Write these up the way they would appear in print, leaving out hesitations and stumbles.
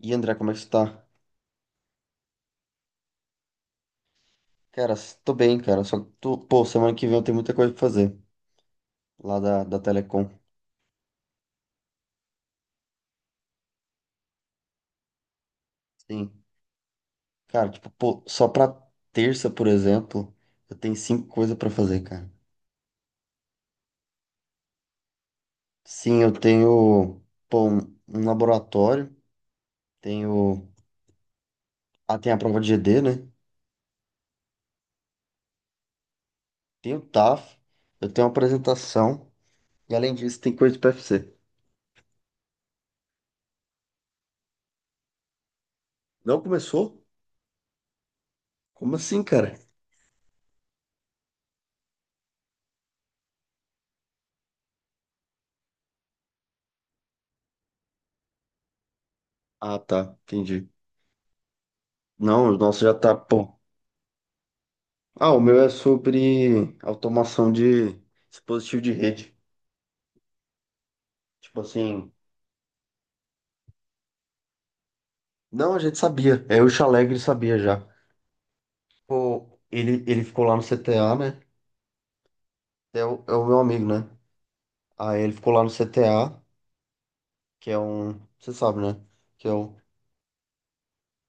E André, como é que você tá? Cara, tô bem, cara. Só que tô, pô, semana que vem eu tenho muita coisa pra fazer lá da Telecom. Sim. Cara, tipo, pô, só pra terça, por exemplo, eu tenho cinco coisas pra fazer, cara. Sim, eu tenho, pô, um laboratório, tenho, ah, tem a prova de GD, né? Tenho o TAF, eu tenho uma apresentação e além disso tem coisa de PFC. Não começou? Como assim, cara? Ah, tá, entendi. Não, o nosso já tá, pô. Ah, o meu é sobre automação de dispositivo de rede. Tipo assim, não, a gente sabia. É, o Chalegre sabia já. Pô, ele ficou lá no CTA, né? É o meu amigo, né? Aí ele ficou lá no CTA, que é um, você sabe, né? Que é o,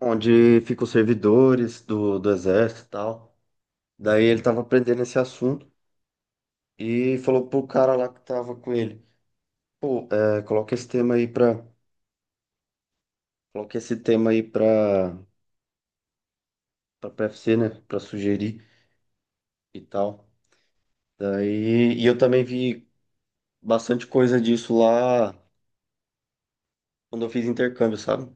onde ficam os servidores do exército e tal. Daí ele tava aprendendo esse assunto e falou pro cara lá que tava com ele. Pô, é, coloca esse tema aí pra, pra PFC, né? Pra sugerir e tal. Daí, e eu também vi bastante coisa disso lá quando eu fiz intercâmbio, sabe?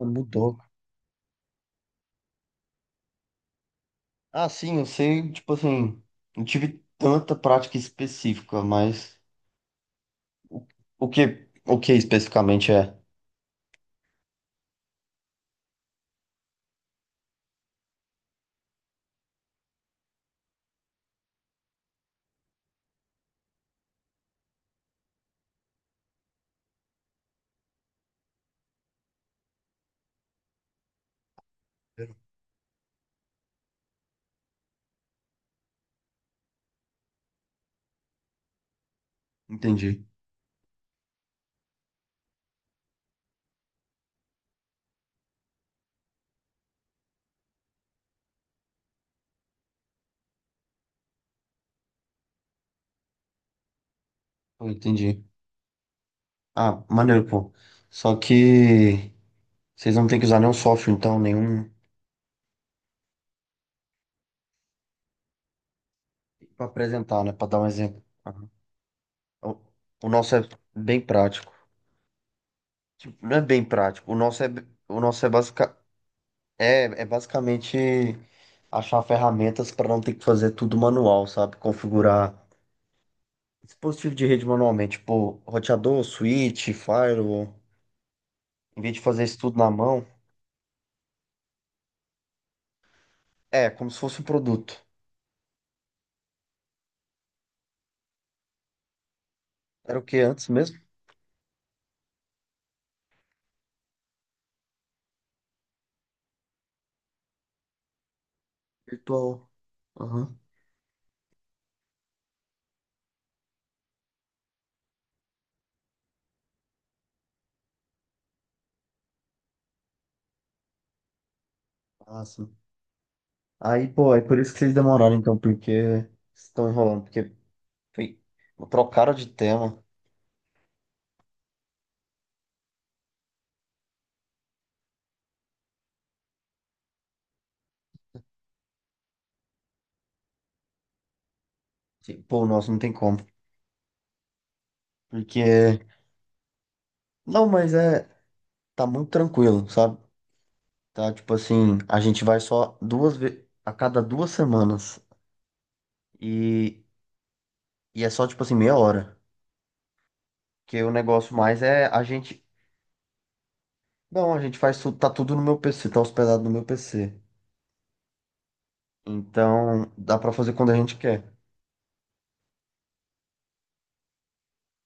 Mudou. Ah, sim, eu sei, tipo assim, não tive tanta prática específica, mas o, o que especificamente é? Entendi. Eu entendi. Ah, maneiro, pô. Só que vocês não têm que usar nenhum software, então, nenhum para apresentar, né? Para dar um exemplo. Aham. O, o nosso é bem prático. Tipo, não é bem prático. O nosso é basic É, é basicamente achar ferramentas para não ter que fazer tudo manual, sabe? Configurar dispositivo de rede manualmente, tipo roteador, switch, firewall. Em vez de fazer isso tudo na mão, é como se fosse um produto. Era o que antes mesmo? Virtual. Aham. Ah, sim. Aí, pô, é por isso que vocês demoraram então, porque estão enrolando, foi... trocaram de tema. Sim, pô, nossa, não tem como. Porque... Não, mas é. Tá muito tranquilo, sabe? Tá, tipo assim, a gente vai só duas vezes a cada duas semanas. E, e é só, tipo assim, meia hora. Porque o negócio mais é a gente. Não, a gente faz tudo, tá tudo no meu PC, tá hospedado no meu PC. Então, dá pra fazer quando a gente quer.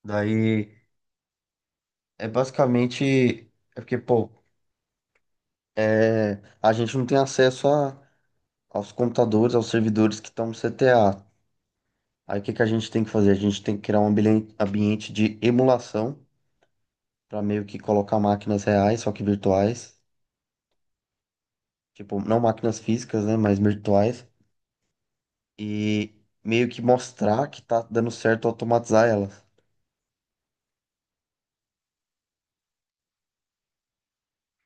Daí, é basicamente... É porque, pô, é, a gente não tem acesso a, aos computadores, aos servidores que estão no CTA. Aí, o que que a gente tem que fazer? A gente tem que criar um ambiente de emulação para meio que colocar máquinas reais, só que virtuais, tipo, não máquinas físicas, né, mas virtuais, e meio que mostrar que tá dando certo automatizar elas.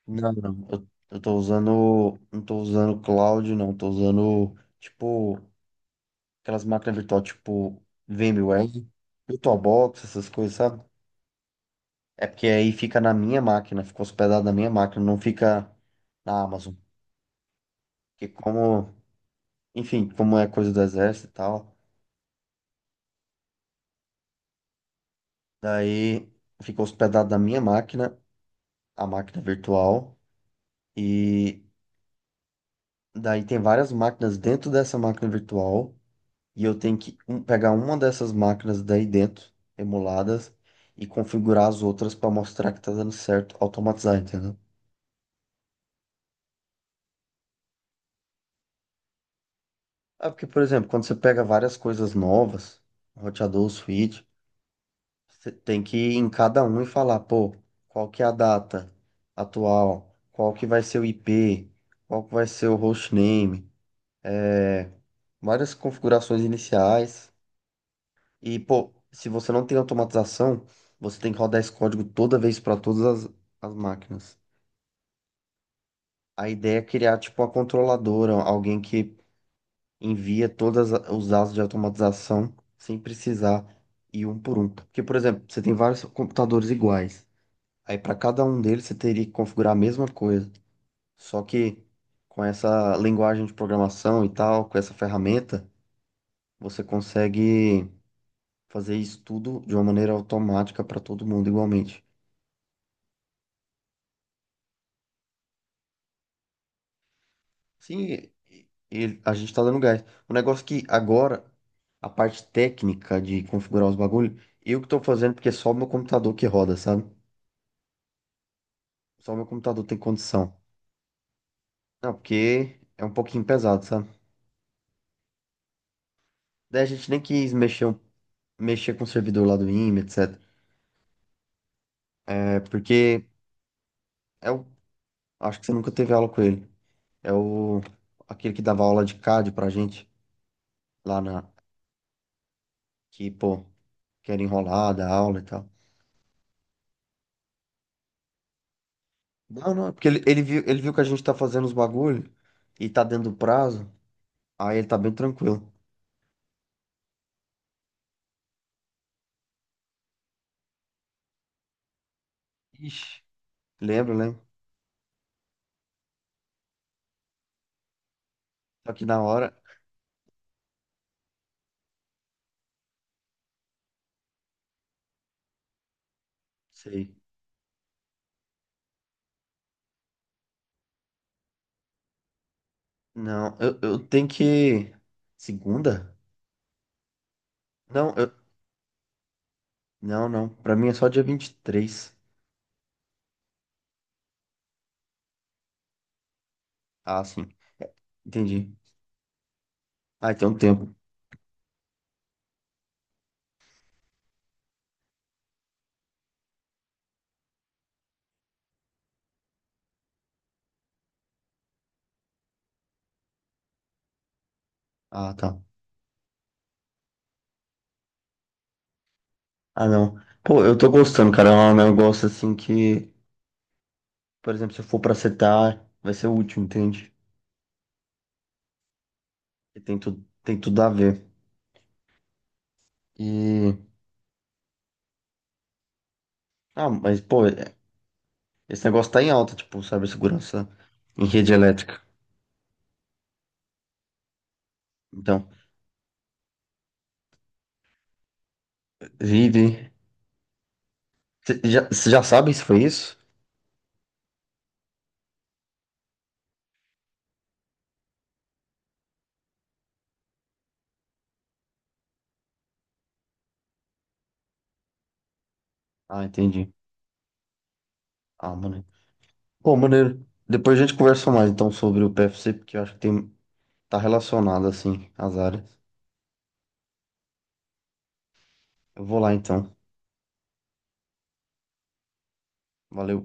Não, não, eu tô usando, não tô usando cloud, não, tô usando, tipo, aquelas máquinas virtuais, tipo, VMware, VirtualBox, essas coisas, sabe? É porque aí fica na minha máquina, fica hospedado na minha máquina, não fica na Amazon. Porque como, enfim, como é coisa do exército e tal, daí fica hospedado na minha máquina, a máquina virtual, e daí tem várias máquinas dentro dessa máquina virtual, e eu tenho que pegar uma dessas máquinas daí dentro, emuladas, e configurar as outras para mostrar que tá dando certo, automatizar, entendeu? É porque, por exemplo, quando você pega várias coisas novas, roteador, switch, você tem que ir em cada um e falar, pô, qual que é a data atual, qual que vai ser o IP, qual que vai ser o hostname. É, várias configurações iniciais. E, pô, se você não tem automatização, você tem que rodar esse código toda vez para todas as máquinas. A ideia é criar, tipo, uma controladora, alguém que envia todos os dados de automatização sem precisar ir um por um. Porque, por exemplo, você tem vários computadores iguais. Aí, para cada um deles, você teria que configurar a mesma coisa. Só que com essa linguagem de programação e tal, com essa ferramenta, você consegue fazer isso tudo de uma maneira automática para todo mundo igualmente. Sim, e a gente está dando gás. O negócio é que agora, a parte técnica de configurar os bagulhos, eu que estou fazendo porque é só o meu computador que roda, sabe? Só o meu computador tem condição. Não, porque é um pouquinho pesado, sabe? Daí a gente nem quis mexer, mexer com o servidor lá do IME, etc. É porque é o, acho que você nunca teve aula com ele. É o aquele que dava aula de CAD pra gente lá na que, pô, que era enrolada a aula e tal. Não, não, é porque ele viu, ele viu que a gente tá fazendo os bagulho e tá dentro do prazo, aí ele tá bem tranquilo. Ixi, lembro, lembro. Só que na hora, sei. Não, eu tenho que... Segunda? Não, eu... Não, não. Pra mim é só dia 23. Ah, sim. Entendi. Ah, então tem um tempo. Ah, tá. Ah, não. Pô, eu tô gostando, cara. É um negócio assim que, por exemplo, se eu for pra setar, vai ser útil, entende? E tem tudo, tem tudo a ver. E... Ah, mas, pô, é, esse negócio tá em alta, tipo, cibersegurança em rede elétrica. Então, vive. Você já, cê já sabe se foi isso? Ah, entendi. Ah, maneiro. Pô, maneiro. Depois a gente conversa mais, então, sobre o PFC, porque eu acho que tem, tá relacionado, assim, as áreas. Eu vou lá, então. Valeu.